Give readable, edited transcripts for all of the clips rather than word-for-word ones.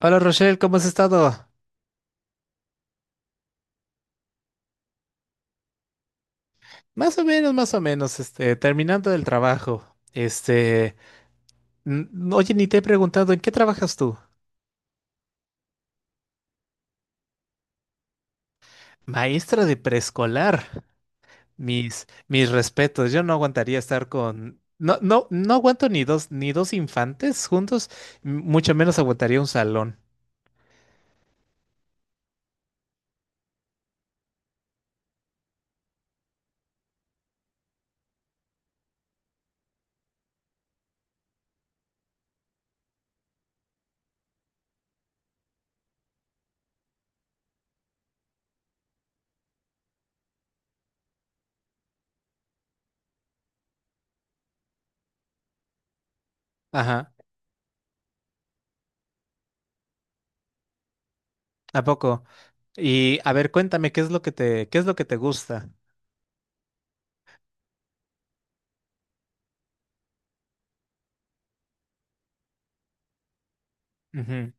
Hola Rochelle, ¿cómo has estado? Más o menos, este, terminando el trabajo. Este, n- oye, ni te he preguntado, ¿en qué trabajas tú? Maestra de preescolar. Mis respetos, yo no aguantaría estar con, no, no, no aguanto ni dos infantes juntos, mucho menos aguantaría un salón. Ajá, ¿a poco? Y a ver, cuéntame, ¿qué es lo que te gusta? Ujú.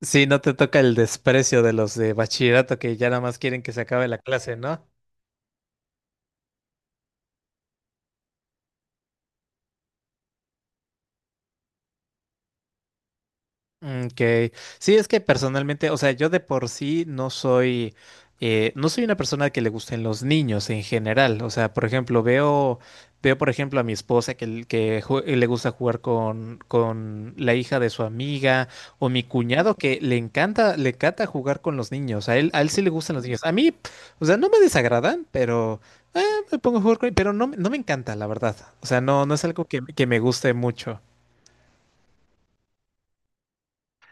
Sí, no te toca el desprecio de los de bachillerato que ya nada más quieren que se acabe la clase, ¿no? Mm, okay, sí, es que personalmente, o sea, yo de por sí no soy, no soy una persona que le gusten los niños en general. O sea, por ejemplo, veo por ejemplo a mi esposa que le gusta jugar con la hija de su amiga o mi cuñado que le encanta jugar con los niños. A él sí le gustan los niños. O sea, no me desagradan, pero eh, me pongo a jugar con, pero no me encanta, la verdad. O sea, no, no es algo que me guste mucho.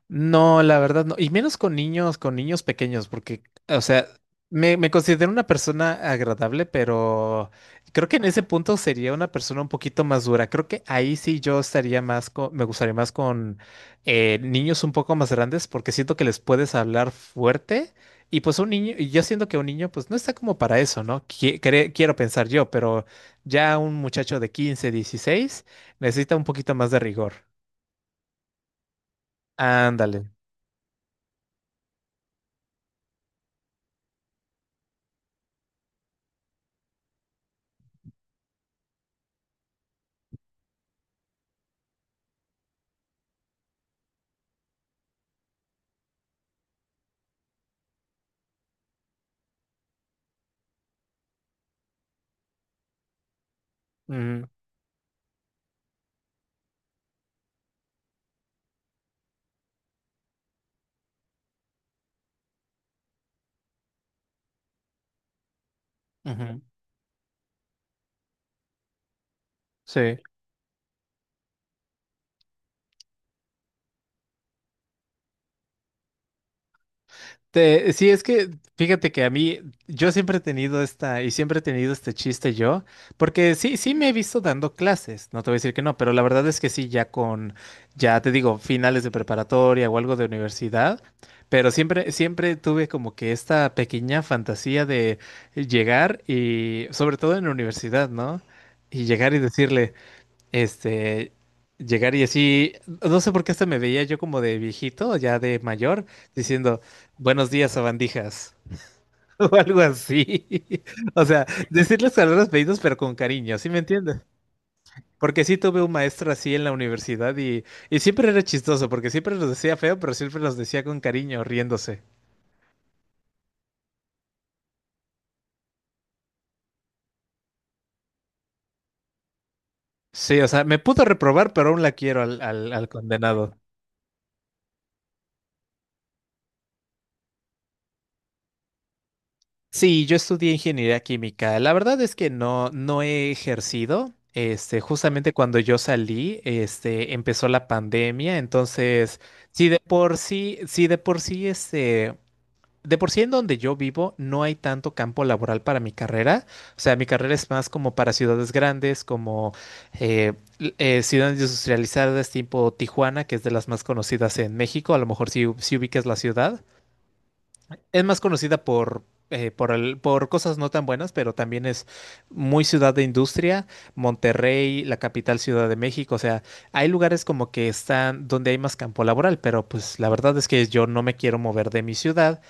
No, la verdad no. Y menos con niños pequeños, porque, o sea, me considero una persona agradable, pero creo que en ese punto sería una persona un poquito más dura. Creo que ahí sí yo estaría más con, me gustaría más con niños un poco más grandes, porque siento que les puedes hablar fuerte. Y pues un niño, y yo siento que un niño, pues no está como para eso, ¿no? Quiero pensar yo, pero ya un muchacho de 15, 16 necesita un poquito más de rigor. Ándale. Ujú, ujú. Sí. Sí, es que fíjate que a mí, yo siempre he tenido esta, y siempre he tenido este chiste yo, porque sí me he visto dando clases, no te voy a decir que no, pero la verdad es que sí, ya con, ya te digo, finales de preparatoria o algo de universidad, pero siempre, siempre tuve como que esta pequeña fantasía de llegar y, sobre todo en la universidad, ¿no? Y llegar y decirle, este, llegar y así, no sé por qué hasta me veía yo como de viejito, ya de mayor, diciendo, buenos días, sabandijas, o algo así. O sea, decirles palabras pedidos, pero con cariño, ¿sí me entiendes? Porque sí tuve un maestro así en la universidad y siempre era chistoso, porque siempre los decía feo, pero siempre los decía con cariño, riéndose. Sí, o sea, me pudo reprobar, pero aún la quiero al condenado. Sí, yo estudié ingeniería química. La verdad es que no, no he ejercido. Este, justamente cuando yo salí, este, empezó la pandemia. Entonces, sí de por sí, sí de por sí, este, de por sí en donde yo vivo no hay tanto campo laboral para mi carrera. O sea, mi carrera es más como para ciudades grandes, como eh, ciudades industrializadas tipo Tijuana, que es de las más conocidas en México. A lo mejor si ubicas la ciudad es más conocida por, por cosas no tan buenas, pero también es muy ciudad de industria, Monterrey, la capital Ciudad de México, o sea, hay lugares como que están donde hay más campo laboral, pero pues la verdad es que yo no me quiero mover de mi ciudad.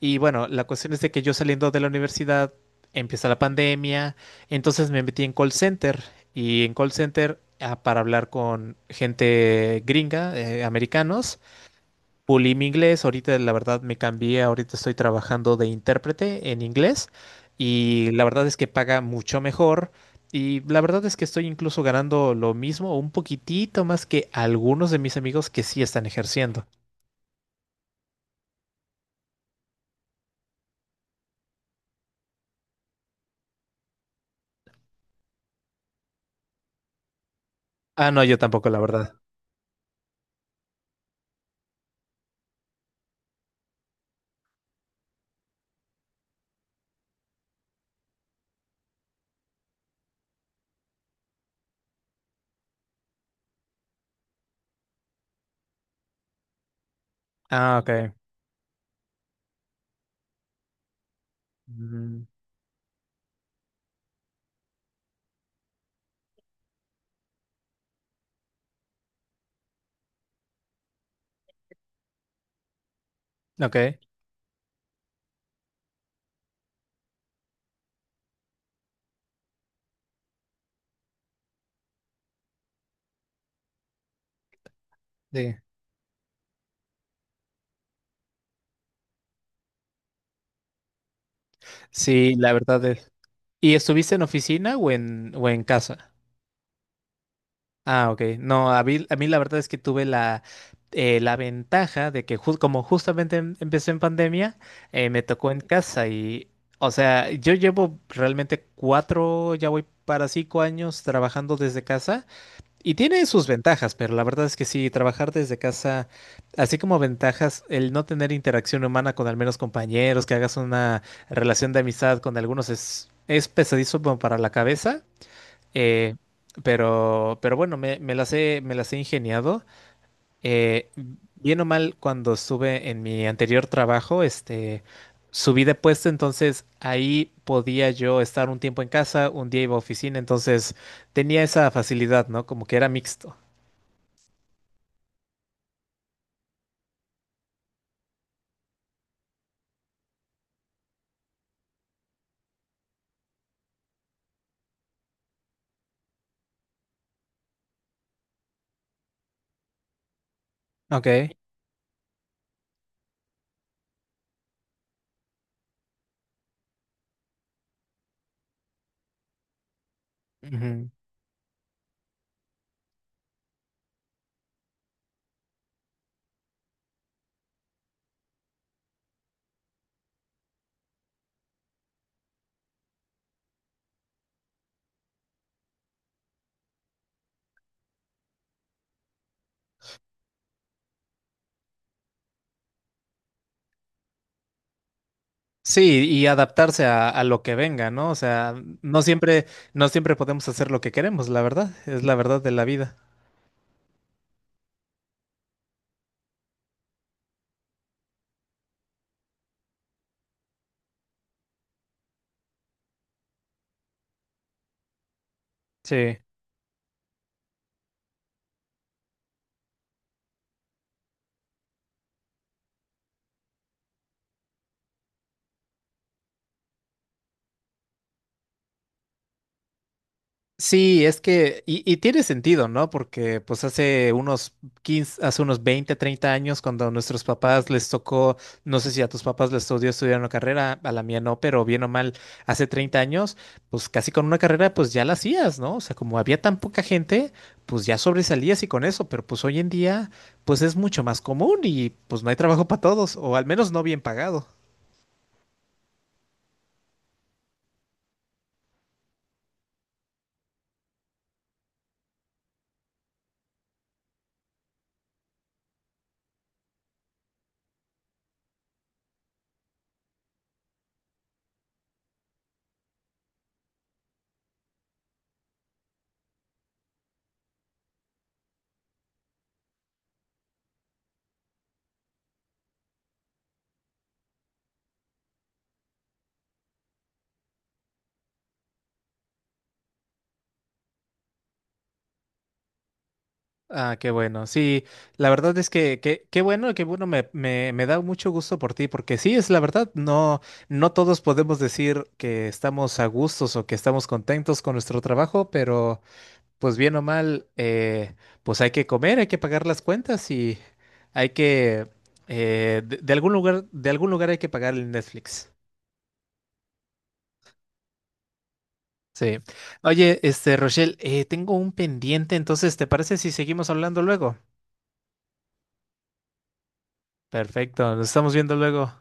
Y bueno, la cuestión es de que yo saliendo de la universidad empieza la pandemia, entonces me metí en call center y en call center ah, para hablar con gente gringa, americanos pulí mi inglés, ahorita la verdad me cambié, ahorita estoy trabajando de intérprete en inglés y la verdad es que paga mucho mejor y la verdad es que estoy incluso ganando lo mismo, o un poquitito más que algunos de mis amigos que sí están ejerciendo. Ah, no, yo tampoco, la verdad. Ah, ok. Mm, ok, sí. Sí, la verdad es. ¿Y estuviste en oficina o en casa? Ah, ok. No, a mí la verdad es que tuve la, la ventaja de que como justamente empezó en pandemia, me tocó en casa y, o sea, yo llevo realmente cuatro, ya voy para 5 años trabajando desde casa y tiene sus ventajas, pero la verdad es que sí, trabajar desde casa, así como ventajas, el no tener interacción humana con al menos compañeros, que hagas una relación de amistad con algunos es pesadizo como para la cabeza. Eh, pero bueno, me las he ingeniado. Eh, bien o mal, cuando estuve en mi anterior trabajo, este, subí de puesto, entonces ahí podía yo estar un tiempo en casa, un día iba a oficina, entonces tenía esa facilidad, ¿no? Como que era mixto. Ok, ujú. Sí, y adaptarse a lo que venga, ¿no? O sea, no siempre, no siempre podemos hacer lo que queremos, la verdad, es la verdad de la vida. Sí. Sí, es que, y tiene sentido, ¿no? Porque pues hace unos 15, hace unos 20, 30 años, cuando a nuestros papás les tocó, no sé si a tus papás les tocó estudiar una carrera, a la mía no, pero bien o mal, hace 30 años, pues casi con una carrera pues ya la hacías, ¿no? O sea, como había tan poca gente, pues ya sobresalías y con eso, pero pues hoy en día pues es mucho más común y pues no hay trabajo para todos, o al menos no bien pagado. Ah, qué bueno. Sí, la verdad es que- qué bueno, me da mucho gusto por ti, porque sí, es la verdad, no, no todos podemos decir que estamos a gustos o que estamos contentos con nuestro trabajo, pero pues bien o mal, pues hay que comer, hay que pagar las cuentas y hay que, de algún lugar hay que pagar el Netflix. Sí. Oye, este, Rochelle, tengo un pendiente, entonces, ¿te parece si seguimos hablando luego? Perfecto, nos estamos viendo luego.